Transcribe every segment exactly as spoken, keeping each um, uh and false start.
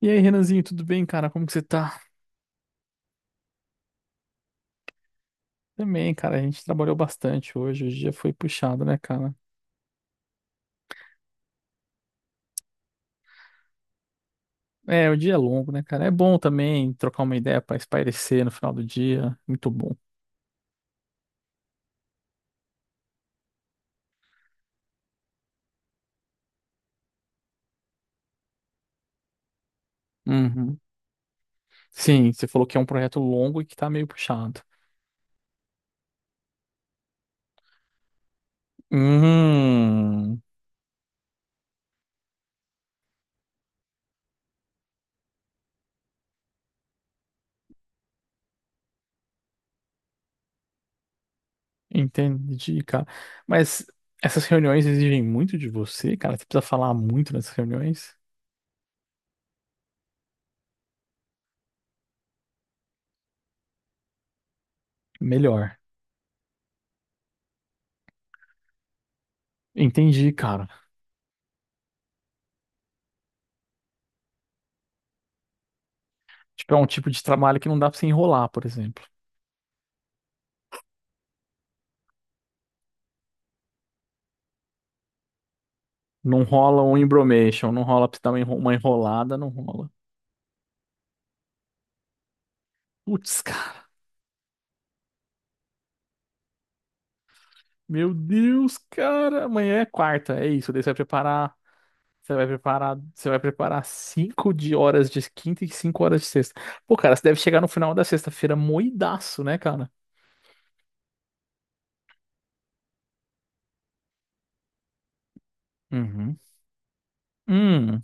E aí, Renanzinho, tudo bem, cara? Como que você tá? Também, cara, a gente trabalhou bastante hoje, o dia foi puxado, né, cara? É, o dia é longo, né, cara? É bom também trocar uma ideia pra espairecer no final do dia, muito bom. Uhum. Sim, você falou que é um projeto longo e que tá meio puxado. Hum, Entendi, cara. Mas essas reuniões exigem muito de você, cara? Você precisa falar muito nessas reuniões? Melhor. Entendi, cara. Tipo, é um tipo de trabalho que não dá pra você enrolar, por exemplo. Não rola um embromation, não rola pra você dar uma enro- uma enrolada, não rola. Putz, cara. Meu Deus, cara. Amanhã é quarta, é isso. Daí você vai preparar. Você vai preparar. Você vai preparar cinco de horas de quinta e cinco horas de sexta. Pô, cara, você deve chegar no final da sexta-feira moidaço, né, cara? Uhum. Hum,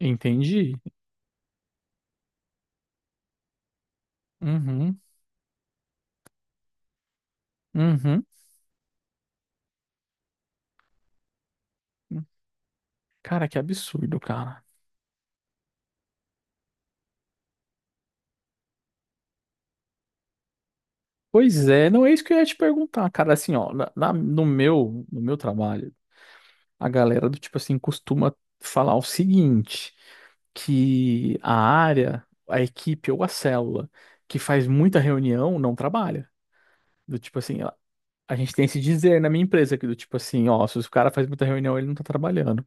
Entendi. Uhum. Uhum. Cara, que absurdo, cara. Pois é, não é isso que eu ia te perguntar, cara. Assim, ó, na- na- no meu, no meu trabalho. A galera do tipo assim costuma falar o seguinte, que a área, a equipe ou a célula que faz muita reunião não trabalha. Do tipo assim, a a gente tem esse dizer na minha empresa que do tipo assim, ó, se o cara faz muita reunião, ele não tá trabalhando.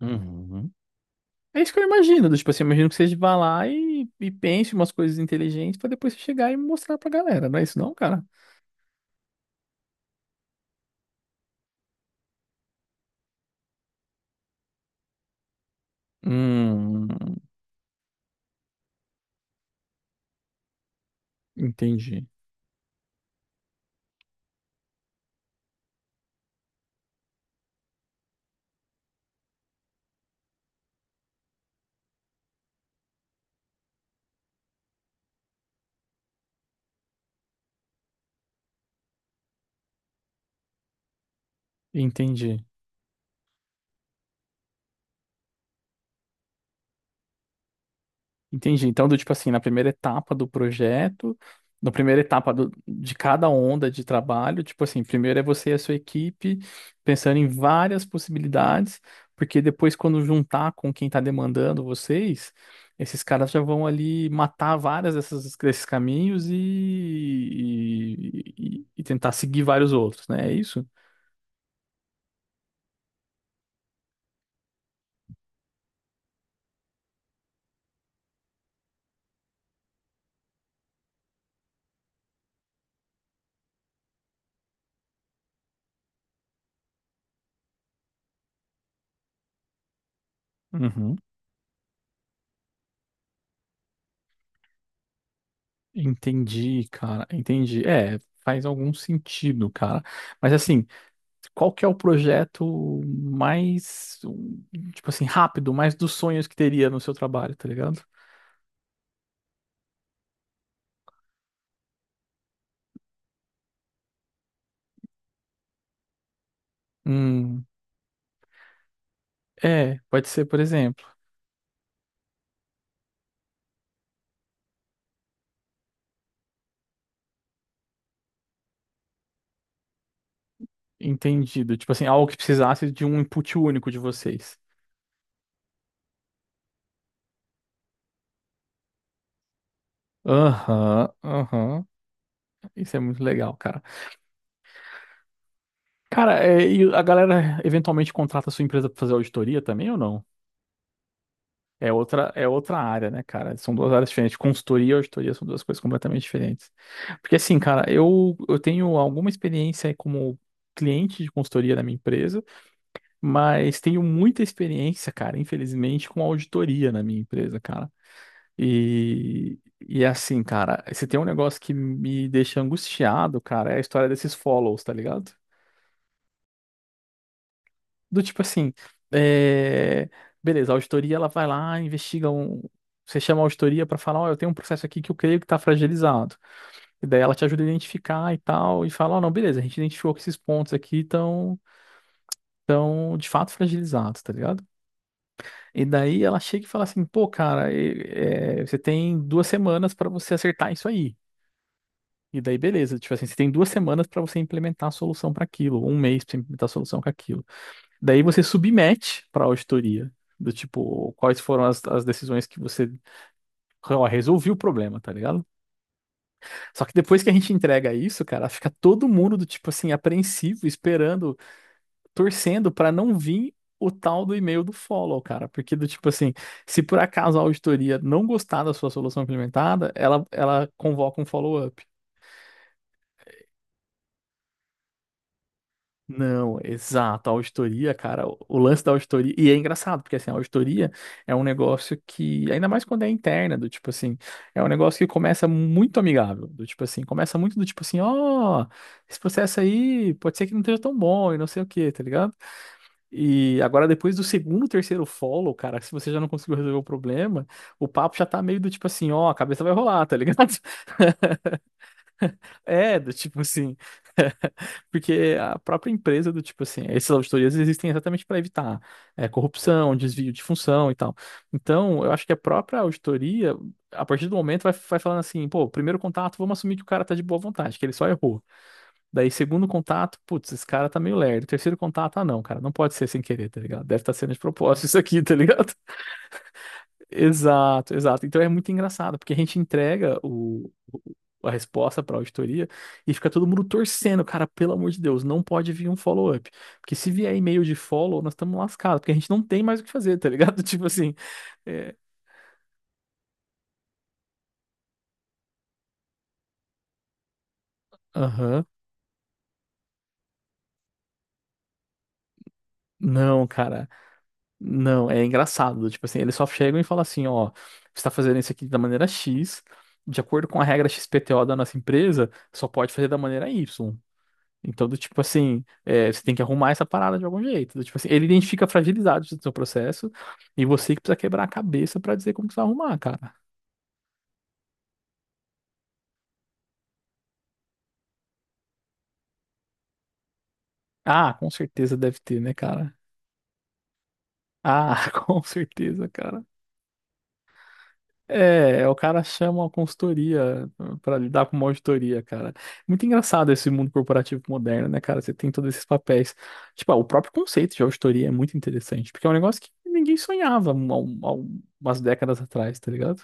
Uhum. É isso que eu imagino, do tipo assim, eu imagino que você vá lá e, e pense umas coisas inteligentes pra depois você chegar e mostrar pra galera, não é isso não, cara? Hum. Entendi, entendi. Entendi. Então, do tipo assim, na primeira etapa do projeto, na primeira etapa do- de cada onda de trabalho, tipo assim, primeiro é você e a sua equipe pensando em várias possibilidades, porque depois, quando juntar com quem está demandando vocês, esses caras já vão ali matar várias dessas, desses caminhos e, e, e- e tentar seguir vários outros, né? É isso? Uhum. Entendi, cara. Entendi. É, faz algum sentido, cara. Mas assim. Qual que é o projeto mais, um, tipo assim, rápido, mais dos sonhos que teria no seu trabalho, tá ligado? Hum, É, pode ser, por exemplo, entendido, tipo assim, algo que precisasse de um input único de vocês. Aham, aham, isso é muito legal, cara. Cara, é, e a galera eventualmente contrata a sua empresa pra fazer auditoria também ou não? É outra, é outra área, né, cara? São duas áreas diferentes. Consultoria e auditoria são duas coisas completamente diferentes. Porque, assim, cara, eu, eu tenho alguma experiência como cliente de consultoria na minha empresa, mas tenho muita experiência, cara, infelizmente, com auditoria na minha empresa, cara. E, e assim, cara, se tem um negócio que me deixa angustiado, cara, é a história desses follows, tá ligado? Do tipo assim, é, beleza, a auditoria ela vai lá, investiga um. Você chama a auditoria pra falar, ó, eu tenho um processo aqui que eu creio que tá fragilizado. E daí ela te ajuda a identificar e tal, e fala, ó, não, beleza, a gente identificou que esses pontos aqui estão estão de fato fragilizados, tá ligado? E daí ela chega e fala assim, pô, cara, e- é, você tem duas semanas pra você acertar isso aí. E daí, beleza, tipo assim, você tem duas semanas pra você implementar a solução pra aquilo, um mês pra você implementar a solução para aquilo. Daí você submete para a auditoria do tipo quais foram as, as decisões que você ó, resolviu o problema, tá ligado? Só que depois que a gente entrega isso, cara, fica todo mundo do tipo assim apreensivo, esperando, torcendo para não vir o tal do e-mail do follow, cara, porque do tipo assim, se por acaso a auditoria não gostar da sua solução implementada, ela ela convoca um follow-up. Não, exato. A auditoria, cara, o o lance da auditoria. E é engraçado, porque assim, a auditoria é um negócio que, ainda mais quando é interna, do tipo assim, é um negócio que começa muito amigável. Do tipo assim, começa muito do tipo assim, ó, esse processo aí pode ser que não esteja tão bom e não sei o quê, tá ligado? E agora, depois do segundo, terceiro follow, cara, se você já não conseguiu resolver o problema, o papo já tá meio do tipo assim, ó, a cabeça vai rolar, tá ligado? É, do tipo assim. Porque a própria empresa do tipo assim, essas auditorias existem exatamente para evitar é, corrupção, desvio de função e tal. Então, eu acho que a própria auditoria, a partir do momento, vai, vai falando assim, pô, primeiro contato, vamos assumir que o cara tá de boa vontade, que ele só errou. Daí, segundo contato, putz, esse cara tá meio lerdo. Terceiro contato, ah, não, cara, não pode ser sem querer, tá ligado? Deve estar sendo de propósito isso aqui, tá ligado? Exato, exato. Então é muito engraçado, porque a gente entrega o, o- a resposta para a auditoria e fica todo mundo torcendo, cara, pelo amor de Deus, não pode vir um follow-up. Porque se vier e-mail de follow, nós estamos lascados, porque a gente não tem mais o que fazer, tá ligado? Tipo assim, é, aham, não, cara, não, é engraçado. Tipo assim, eles só chegam e falam assim, ó, você está fazendo isso aqui da maneira X, de acordo com a regra X P T O da nossa empresa, só pode fazer da maneira Y. Então, do tipo assim, é, você tem que arrumar essa parada de algum jeito. Do tipo assim, ele identifica fragilizados do seu processo e você que precisa quebrar a cabeça pra dizer como que você vai arrumar, cara. Ah, com certeza deve ter, né, cara? Ah, com certeza, cara. É, é, o cara chama a consultoria pra lidar com uma auditoria, cara. Muito engraçado esse mundo corporativo moderno, né, cara? Você tem todos esses papéis. Tipo, ah, o próprio conceito de auditoria é muito interessante, porque é um negócio que ninguém sonhava há um- há um- há umas décadas atrás, tá ligado?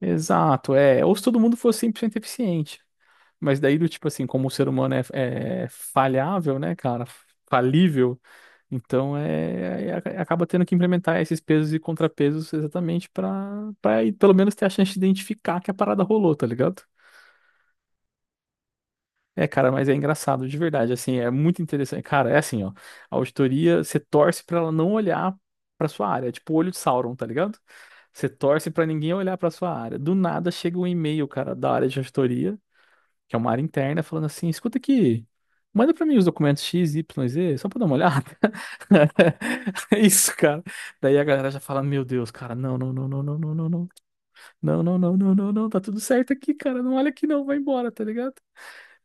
Exato, é. Ou se todo mundo fosse cem por cento eficiente. Mas daí, do tipo assim, como o ser humano é, é, falhável, né, cara? Falível, então é, é- é, acaba tendo que implementar esses pesos e contrapesos exatamente para para pelo menos ter a chance de identificar que a parada rolou, tá ligado? É, cara, mas é engraçado, de verdade, assim, é muito interessante. Cara, é assim, ó, a auditoria, você torce pra ela não olhar pra sua área, é tipo o olho de Sauron, tá ligado? Você torce pra ninguém olhar pra sua área. Do nada chega um e-mail, cara, da área de auditoria, que é uma área interna, falando assim, escuta aqui, manda pra mim os documentos X, Y, Z, só pra dar uma olhada. É isso, cara. Daí a galera já fala, meu Deus, cara, não, não, não, não, não, não, não, não, não, não, não, não, não, não, tá tudo certo aqui, cara, não olha aqui não, vai embora, tá ligado?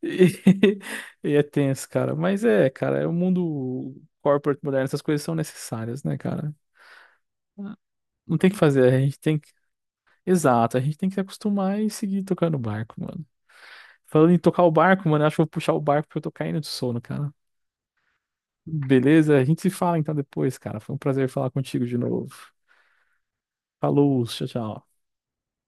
E, e é tenso, cara. Mas é, cara, é o mundo corporate moderno, essas coisas são necessárias, né, cara? Não tem o que fazer, a gente tem que. Exato, a gente tem que se acostumar e seguir tocando o barco, mano. Falando em tocar o barco, mano, eu acho que eu vou puxar o barco porque eu tô caindo de sono, cara. Beleza? A gente se fala então depois, cara. Foi um prazer falar contigo de novo. Falou, tchau, tchau.